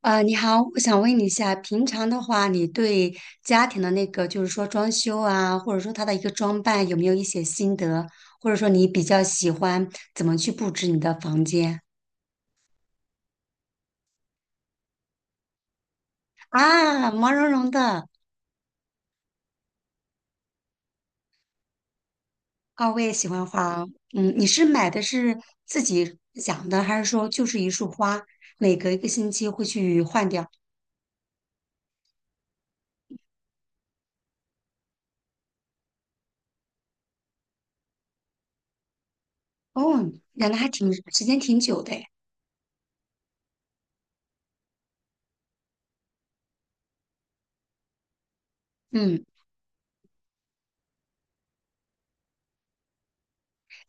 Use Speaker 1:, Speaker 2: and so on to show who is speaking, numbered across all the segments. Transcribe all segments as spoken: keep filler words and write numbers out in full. Speaker 1: 呃，你好，我想问你一下，平常的话，你对家庭的那个，就是说装修啊，或者说它的一个装扮，有没有一些心得？或者说你比较喜欢怎么去布置你的房间啊？毛茸茸的啊，我也喜欢花哦嗯，你是买的是自己养的，还是说就是一束花，每隔一个星期会去换掉？哦，养的还挺时间挺久的诶嗯。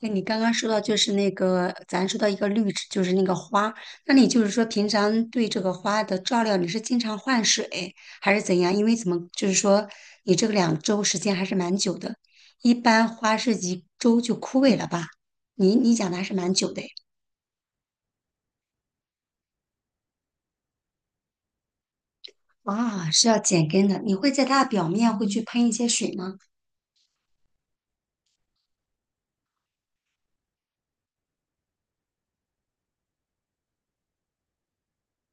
Speaker 1: 那你刚刚说到就是那个，咱说到一个绿植，就是那个花。那你就是说，平常对这个花的照料，你是经常换水还是怎样？因为怎么就是说，你这个两周时间还是蛮久的，一般花是一周就枯萎了吧？你你讲的还是蛮久的诶啊，是要剪根的。你会在它的表面会去喷一些水吗？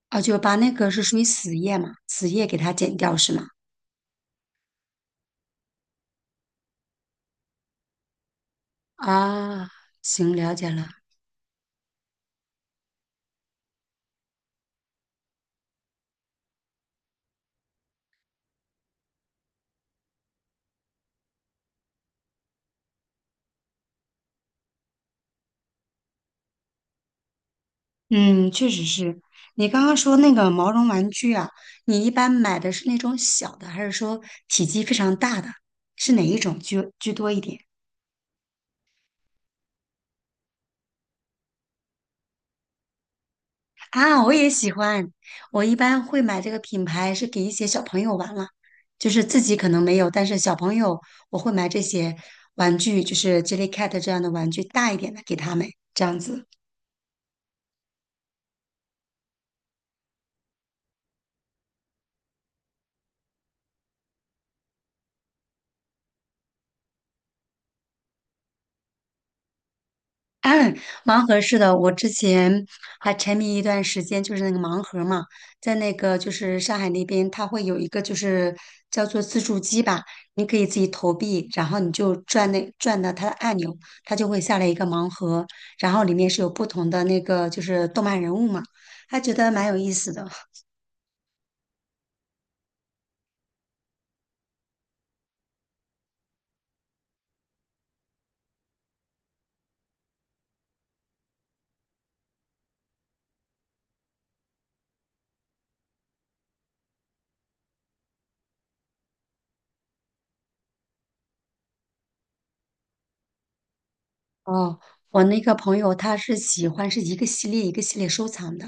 Speaker 1: 啊，就把那个是属于死叶嘛，死叶给它剪掉是吗？啊，行，了解了。嗯，确实是。你刚刚说那个毛绒玩具啊，你一般买的是那种小的，还是说体积非常大的？是哪一种居居多一点？啊，我也喜欢。我一般会买这个品牌是给一些小朋友玩了，就是自己可能没有，但是小朋友我会买这些玩具，就是 Jellycat 这样的玩具，大一点的给他们，这样子。盲盒是的，我之前还沉迷一段时间，就是那个盲盒嘛，在那个就是上海那边，它会有一个就是叫做自助机吧，你可以自己投币，然后你就转那转到它的按钮，它就会下来一个盲盒，然后里面是有不同的那个就是动漫人物嘛，还觉得蛮有意思的。哦，我那个朋友他是喜欢是一个系列一个系列收藏的，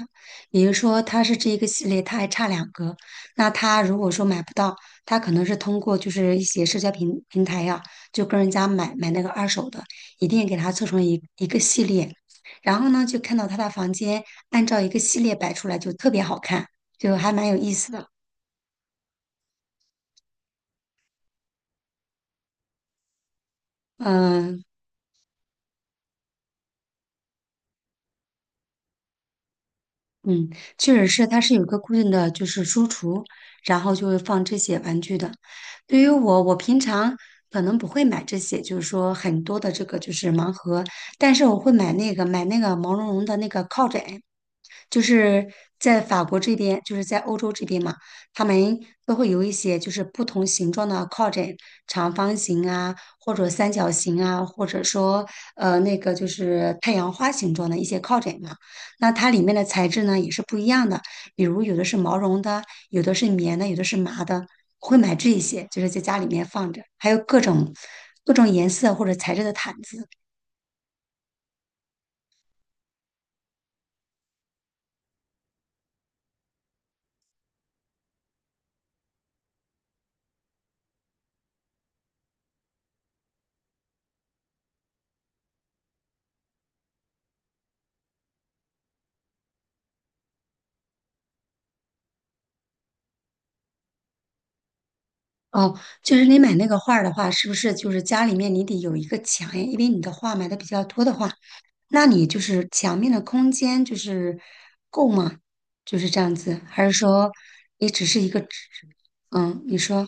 Speaker 1: 也就是说他是这一个系列，他还差两个。那他如果说买不到，他可能是通过就是一些社交平平台呀、就跟人家买买那个二手的，一定给他凑成一一个系列。然后呢，就看到他的房间按照一个系列摆出来，就特别好看，就还蛮有意思的。嗯、嗯，确实是，它是有一个固定的就是书橱，然后就会放这些玩具的。对于我，我平常可能不会买这些，就是说很多的这个就是盲盒，但是我会买那个买那个毛茸茸的那个靠枕，就是在法国这边，就是在欧洲这边嘛，他们都会有一些就是不同形状的靠枕，长方形啊，或者三角形啊，或者说呃那个就是太阳花形状的一些靠枕嘛。那它里面的材质呢也是不一样的，比如有的是毛绒的，有的是棉的，有的是麻的。我会买这一些，就是在家里面放着，还有各种各种颜色或者材质的毯子。哦，就是你买那个画儿的话，是不是就是家里面你得有一个墙呀？因为你的画买的比较多的话，那你就是墙面的空间就是够吗？就是这样子，还是说你只是一个纸？嗯，你说。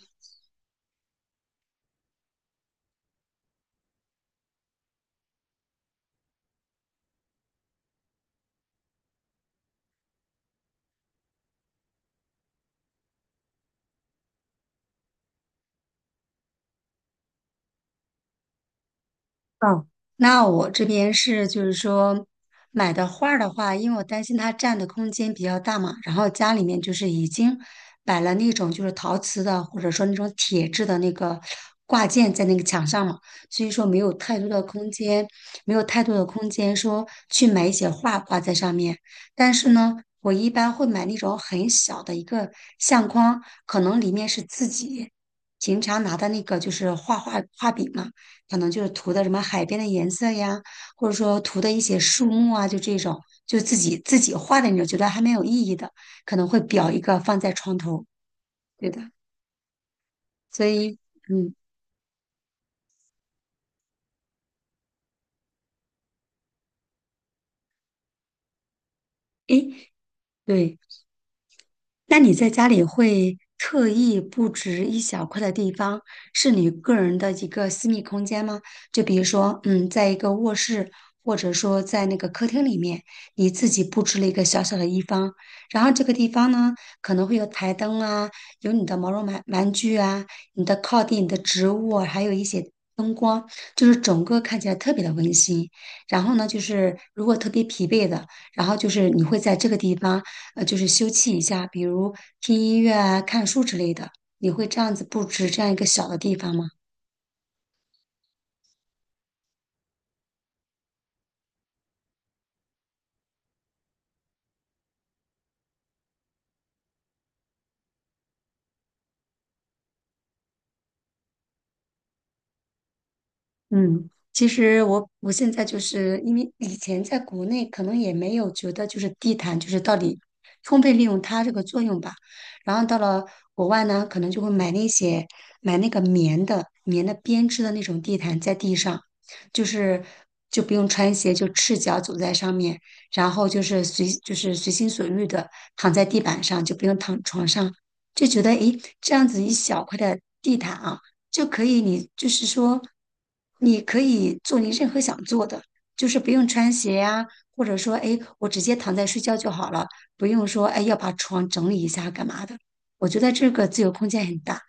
Speaker 1: 哦，那我这边是就是说买的画儿的话，因为我担心它占的空间比较大嘛，然后家里面就是已经摆了那种就是陶瓷的或者说那种铁质的那个挂件在那个墙上嘛，所以说没有太多的空间，没有太多的空间说去买一些画挂在上面。但是呢，我一般会买那种很小的一个相框，可能里面是自己平常拿的那个就是画画画笔嘛。可能就是涂的什么海边的颜色呀，或者说涂的一些树木啊，就这种，就自己自己画的那种，觉得还蛮有意义的，可能会裱一个放在床头，对的。所以，嗯，诶，对。那你在家里会特意布置一小块的地方，是你个人的一个私密空间吗？就比如说，嗯，在一个卧室，或者说在那个客厅里面，你自己布置了一个小小的一方，然后这个地方呢，可能会有台灯啊，有你的毛绒玩玩具啊，你的靠垫、你的植物啊还有一些。灯光就是整个看起来特别的温馨，然后呢，就是如果特别疲惫的，然后就是你会在这个地方。呃，就是休憩一下，比如听音乐啊、看书之类的。你会这样子布置这样一个小的地方吗？嗯，其实我我现在就是因为以前在国内可能也没有觉得就是地毯就是到底充分利用它这个作用吧，然后到了国外呢，可能就会买那些买那个棉的棉的编织的那种地毯在地上，就是就不用穿鞋，就赤脚走在上面，然后就是随就是随心所欲的躺在地板上，就不用躺床上，就觉得诶这样子一小块的地毯啊。就可以你就是说，你可以做你任何想做的，就是不用穿鞋呀、或者说，哎，我直接躺在睡觉就好了，不用说，哎，要把床整理一下干嘛的。我觉得这个自由空间很大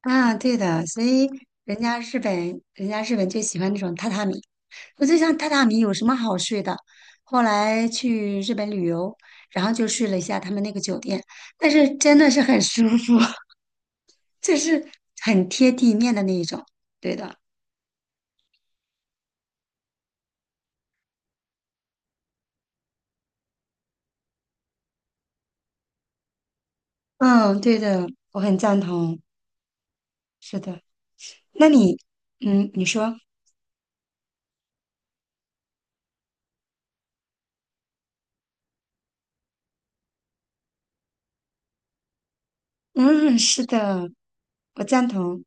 Speaker 1: 啊，对的，所以人家日本，人家日本就喜欢那种榻榻米。我就想榻榻米有什么好睡的？后来去日本旅游，然后就睡了一下他们那个酒店，但是真的是很舒服，就是很贴地面的那一种。对的，嗯，对的，我很赞同。是的，那你，嗯，你说，嗯，是的，我赞同。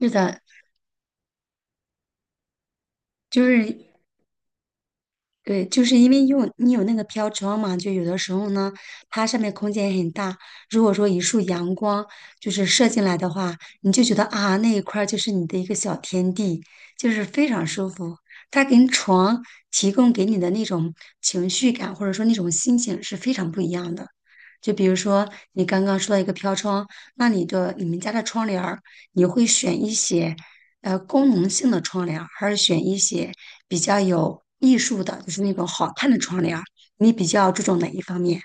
Speaker 1: 是的，就是对，就是因为用你有那个飘窗嘛，就有的时候呢，它上面空间也很大。如果说一束阳光就是射进来的话，你就觉得啊，那一块儿就是你的一个小天地，就是非常舒服。它跟床提供给你的那种情绪感，或者说那种心情是非常不一样的。就比如说你刚刚说到一个飘窗，那你的你们家的窗帘儿你会选一些呃功能性的窗帘儿还是选一些比较有艺术的，就是那种好看的窗帘儿你比较注重哪一方面？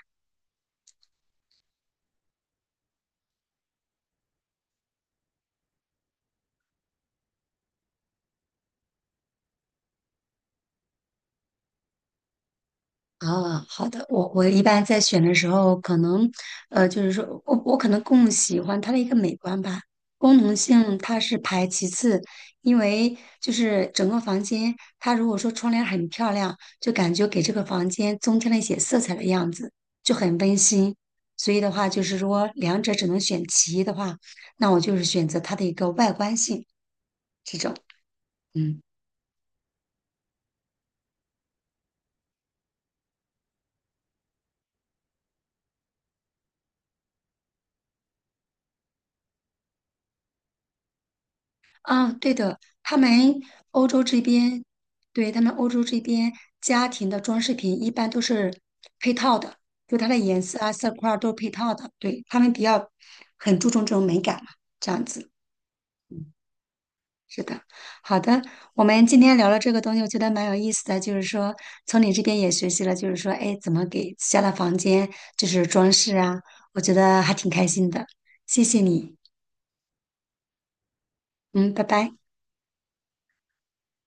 Speaker 1: 啊，好的，我我一般在选的时候，可能，呃，就是说我我可能更喜欢它的一个美观吧，功能性它是排其次，因为就是整个房间，它如果说窗帘很漂亮，就感觉给这个房间增添了一些色彩的样子，就很温馨。所以的话，就是说两者只能选其一的话，那我就是选择它的一个外观性这种，嗯。啊，对的，他们欧洲这边，对，他们欧洲这边家庭的装饰品一般都是配套的，就它的颜色啊、色块儿都是配套的。对，他们比较很注重这种美感嘛，这样子。是的，好的，我们今天聊了这个东西，我觉得蛮有意思的，就是说从你这边也学习了，就是说，哎，怎么给自家的房间就是装饰啊，我觉得还挺开心的，谢谢你，嗯，拜拜。